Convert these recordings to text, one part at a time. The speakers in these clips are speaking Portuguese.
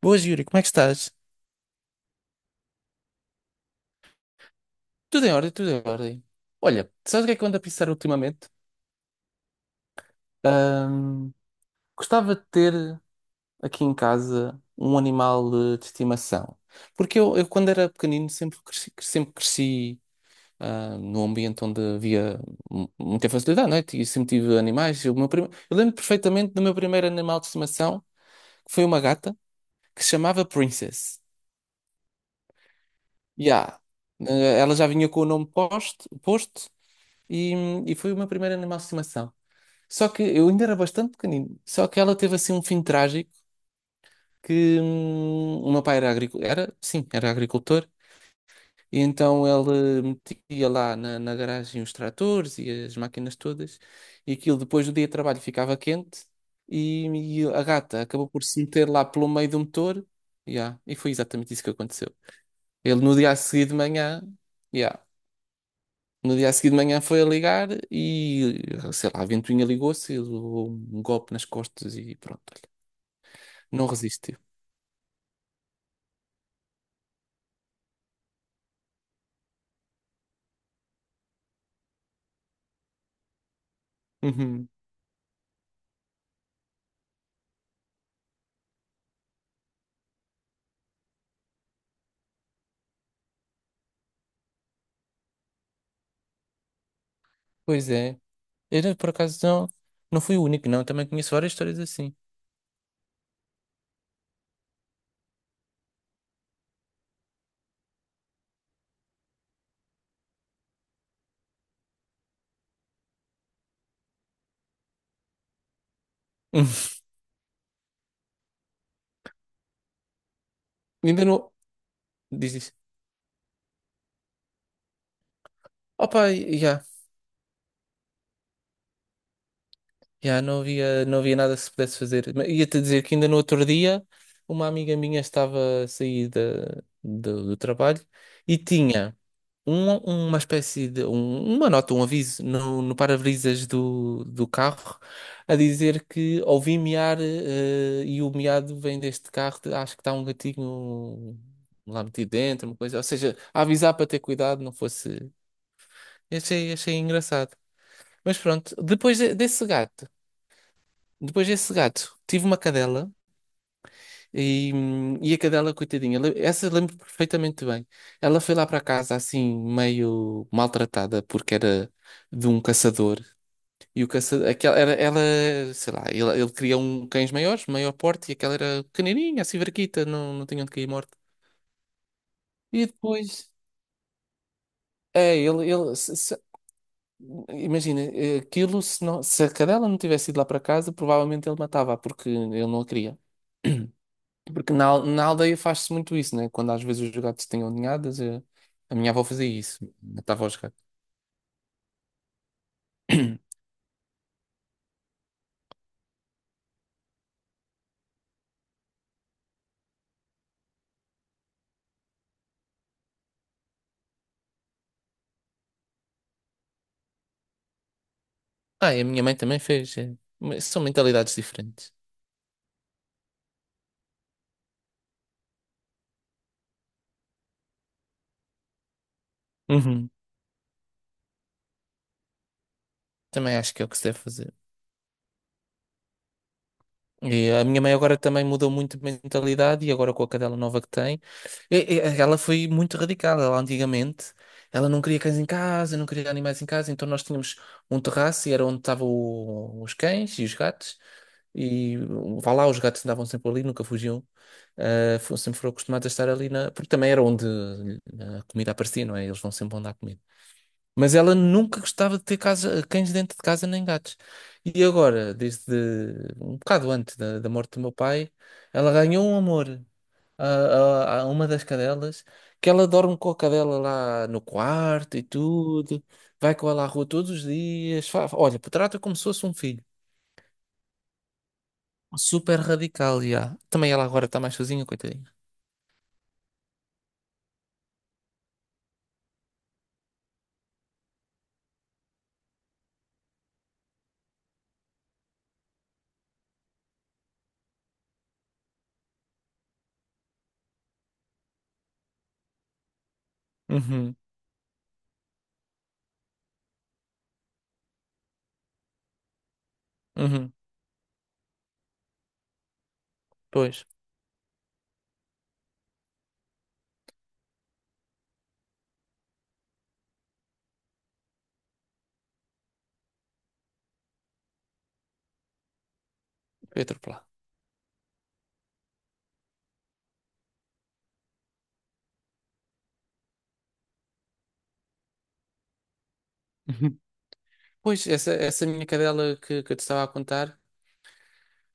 Boas, Yuri, como é que estás? Tudo em ordem, tudo em ordem. Olha, sabes o que é que eu ando a pensar ultimamente? Ahm, Gostava de ter aqui em casa um animal de estimação. Porque eu, quando era pequenino, sempre cresci, num ambiente onde havia muita facilidade, não é? E sempre tive animais. Eu lembro perfeitamente do meu primeiro animal de estimação, que foi uma gata, que se chamava Princess. Yeah. Ela já vinha com o nome posto e, e foi o meu primeiro animal de estimação. Só que eu ainda era bastante pequenino. Só que ela teve assim um fim trágico que o meu pai era agricultor, era, sim, era agricultor, e então ele metia lá na garagem os tratores e as máquinas todas, e aquilo depois do dia de trabalho ficava quente, e, e a gata acabou por se meter lá pelo meio do motor, yeah, e foi exatamente isso que aconteceu. Ele no dia a seguir de manhã. Yeah, no dia a seguir de manhã foi a ligar e, sei lá, a ventoinha ligou-se, e levou um golpe nas costas e pronto, olha, não resistiu. Uhum. Pois é. Era, por acaso, não, não fui o único, não. Também conheço várias histórias assim. Ainda não... Diz isso. Opa, já, não havia, não havia nada que se pudesse fazer. Mas ia-te dizer que ainda no outro dia, uma amiga minha estava a sair do trabalho e um- uma espécie de uma nota, um aviso no para-brisas do carro a dizer que ouvi miar e o miado vem deste carro, acho que está um gatinho lá metido dentro, uma coisa, ou seja, a avisar para ter cuidado, não fosse. Achei engraçado. Mas pronto, depois desse gato, tive uma cadela. E a cadela, coitadinha, essa lembro perfeitamente bem. Ela foi lá para casa assim, meio maltratada, porque era de um caçador. E o caçador, aquela, era, ela, sei lá, ele queria um cães maiores, maior porte, e aquela era pequenininha, assim, verquita, não, não tinha onde cair morta. E depois, é, ele se- se- imagina, aquilo, se, não, se a cadela não tivesse ido lá para casa, provavelmente ele matava, porque ele não a queria. Porque na aldeia faz-se muito isso, né? Quando às vezes os gatos têm ninhadas, a minha avó fazia isso, matava os gatos. Ah, e a minha mãe também fez. Eh. Mas são mentalidades diferentes. Uhum. Também acho que é o que se deve fazer. E a minha mãe agora também mudou muito de mentalidade e agora com a cadela nova que tem, ela foi muito radical. Ela antigamente, ela não queria cães em casa, não queria animais em casa, então nós tínhamos um terraço e era onde estavam os cães e os gatos. E vá lá, os gatos andavam sempre ali, nunca fugiam. Ah, sempre foram acostumados a estar ali na. Porque também era onde a comida aparecia, não é? Eles vão sempre onde há comida. Mas ela nunca gostava de ter casa, cães dentro de casa nem gatos. E agora, desde um bocado antes da morte do meu pai, ela ganhou um amor a uma das cadelas, que ela dorme com a cadela lá no quarto e tudo, vai com ela à rua todos os dias. Olha, trata como se fosse um filho. Super radical, já. Também ela agora está mais sozinha, coitadinha. Uhum, uhum. Pois, foi atropelar. Uhum. Pois, essa minha cadela que eu te estava a contar,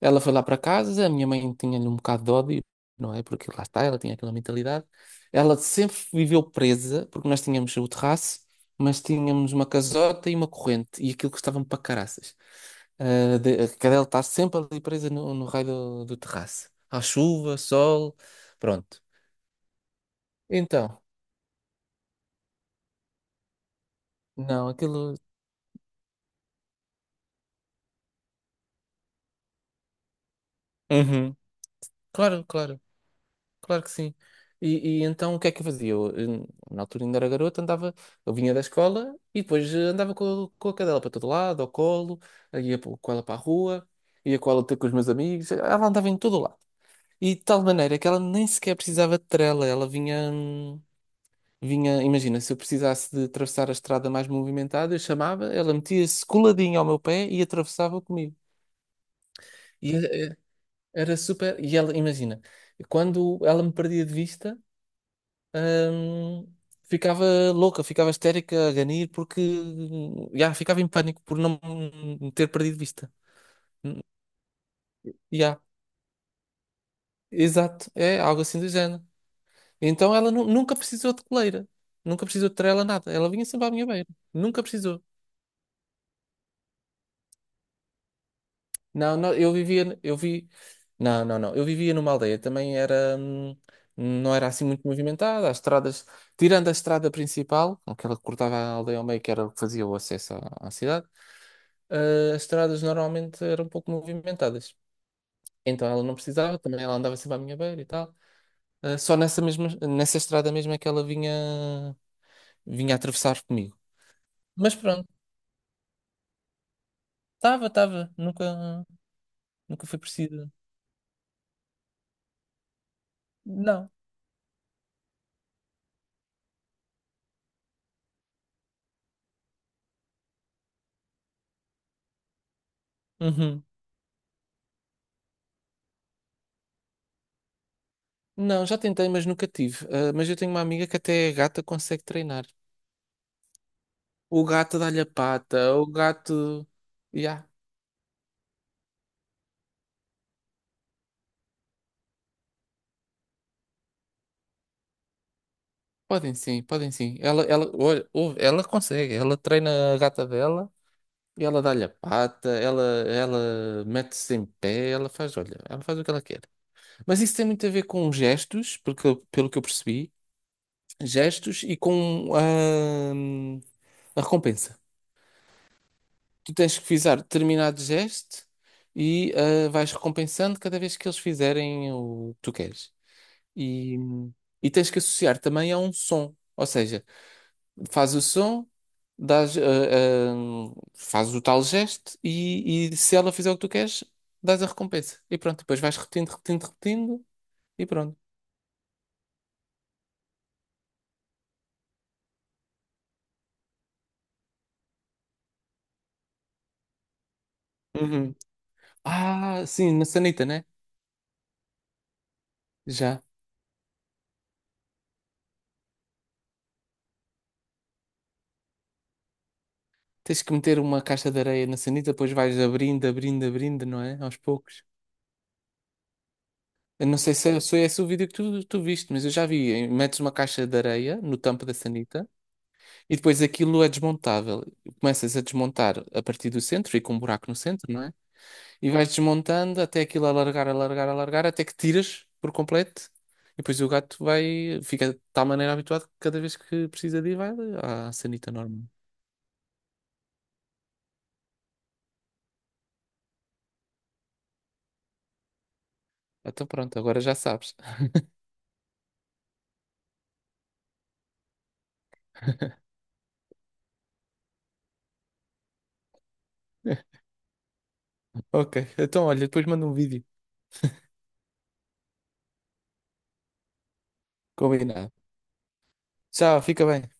ela foi lá para casa, a minha mãe tinha-lhe um bocado de ódio, não é? Porque lá está, ela tinha aquela mentalidade. Ela sempre viveu presa, porque nós tínhamos o terraço, mas tínhamos uma casota e uma corrente, e aquilo custava-me para caraças. Ah, a cadela está sempre ali presa no raio do terraço. À chuva, sol, pronto. Então. Não, aquilo. Uhum. Claro, claro, claro que sim. E então o que é que eu fazia? Na altura ainda era garoto, andava, eu vinha da escola e depois andava com, com a cadela para todo lado, ao colo, com ela para a rua, ia com ela ter com os meus amigos, ela andava em todo lado. E de tal maneira que ela nem sequer precisava de trela, ela vinha, vinha, imagina, se eu precisasse de atravessar a estrada mais movimentada, eu chamava, ela metia-se coladinha ao meu pé e atravessava comigo. Era super. E ela, imagina, quando ela me perdia de vista, hum, ficava louca, ficava histérica a ganir, porque já ficava em pânico por não me ter perdido de vista. Já, exato, é algo assim do género. Então ela nunca precisou de coleira, nunca precisou de trela, nada. Ela vinha sempre à minha beira, nunca precisou. Não, não, eu vivia, eu vi, não, não, não, eu vivia numa aldeia, também era, não era assim muito movimentada, as estradas, tirando a estrada principal, aquela que cortava a aldeia ao meio, que era o que fazia o acesso à cidade, as estradas normalmente eram um pouco movimentadas, então ela não precisava, também ela andava sempre à minha beira e tal. Só nessa estrada mesmo é que ela vinha, vinha atravessar comigo, mas pronto, estava, estava, nunca, nunca foi preciso, não. Uhum. Não, já tentei, mas nunca tive. Ah, mas eu tenho uma amiga que até a gata consegue treinar. O gato dá-lhe a pata, o gato. Ya, podem sim, podem sim. Olha, ouve, ela consegue, ela treina a gata dela e ela dá-lhe a pata, ela mete-se em pé, ela faz, olha, ela faz o que ela quer. Mas isso tem muito a ver com gestos, porque, pelo que eu percebi, gestos e com a recompensa. Tu tens que fizer determinado gesto e vais recompensando cada vez que eles fizerem o que tu queres. E, e tens que associar também a um som. Ou seja, faz o som, dás, ah, faz o tal gesto e se ela fizer o que tu queres, dás a recompensa. E pronto, depois vais repetindo, repetindo, repetindo e pronto. Uhum. Ah, sim, na sanita, né? Já. Tens que meter uma caixa de areia na sanita, depois vais abrindo, abrindo, abrindo, não é? Aos poucos. Eu não sei se é esse o vídeo que tu viste, mas eu já vi. Metes uma caixa de areia no tampo da sanita e depois aquilo é desmontável. Começas a desmontar a partir do centro, e com um buraco no centro, não é? E vais desmontando até aquilo alargar, alargar, alargar, até que tiras por completo. E depois o gato vai, fica de tal maneira habituado que cada vez que precisa de ir, vai à sanita normal. Então pronto, agora já sabes. Ok, então olha, depois manda um vídeo. Combinado. Tchau, fica bem.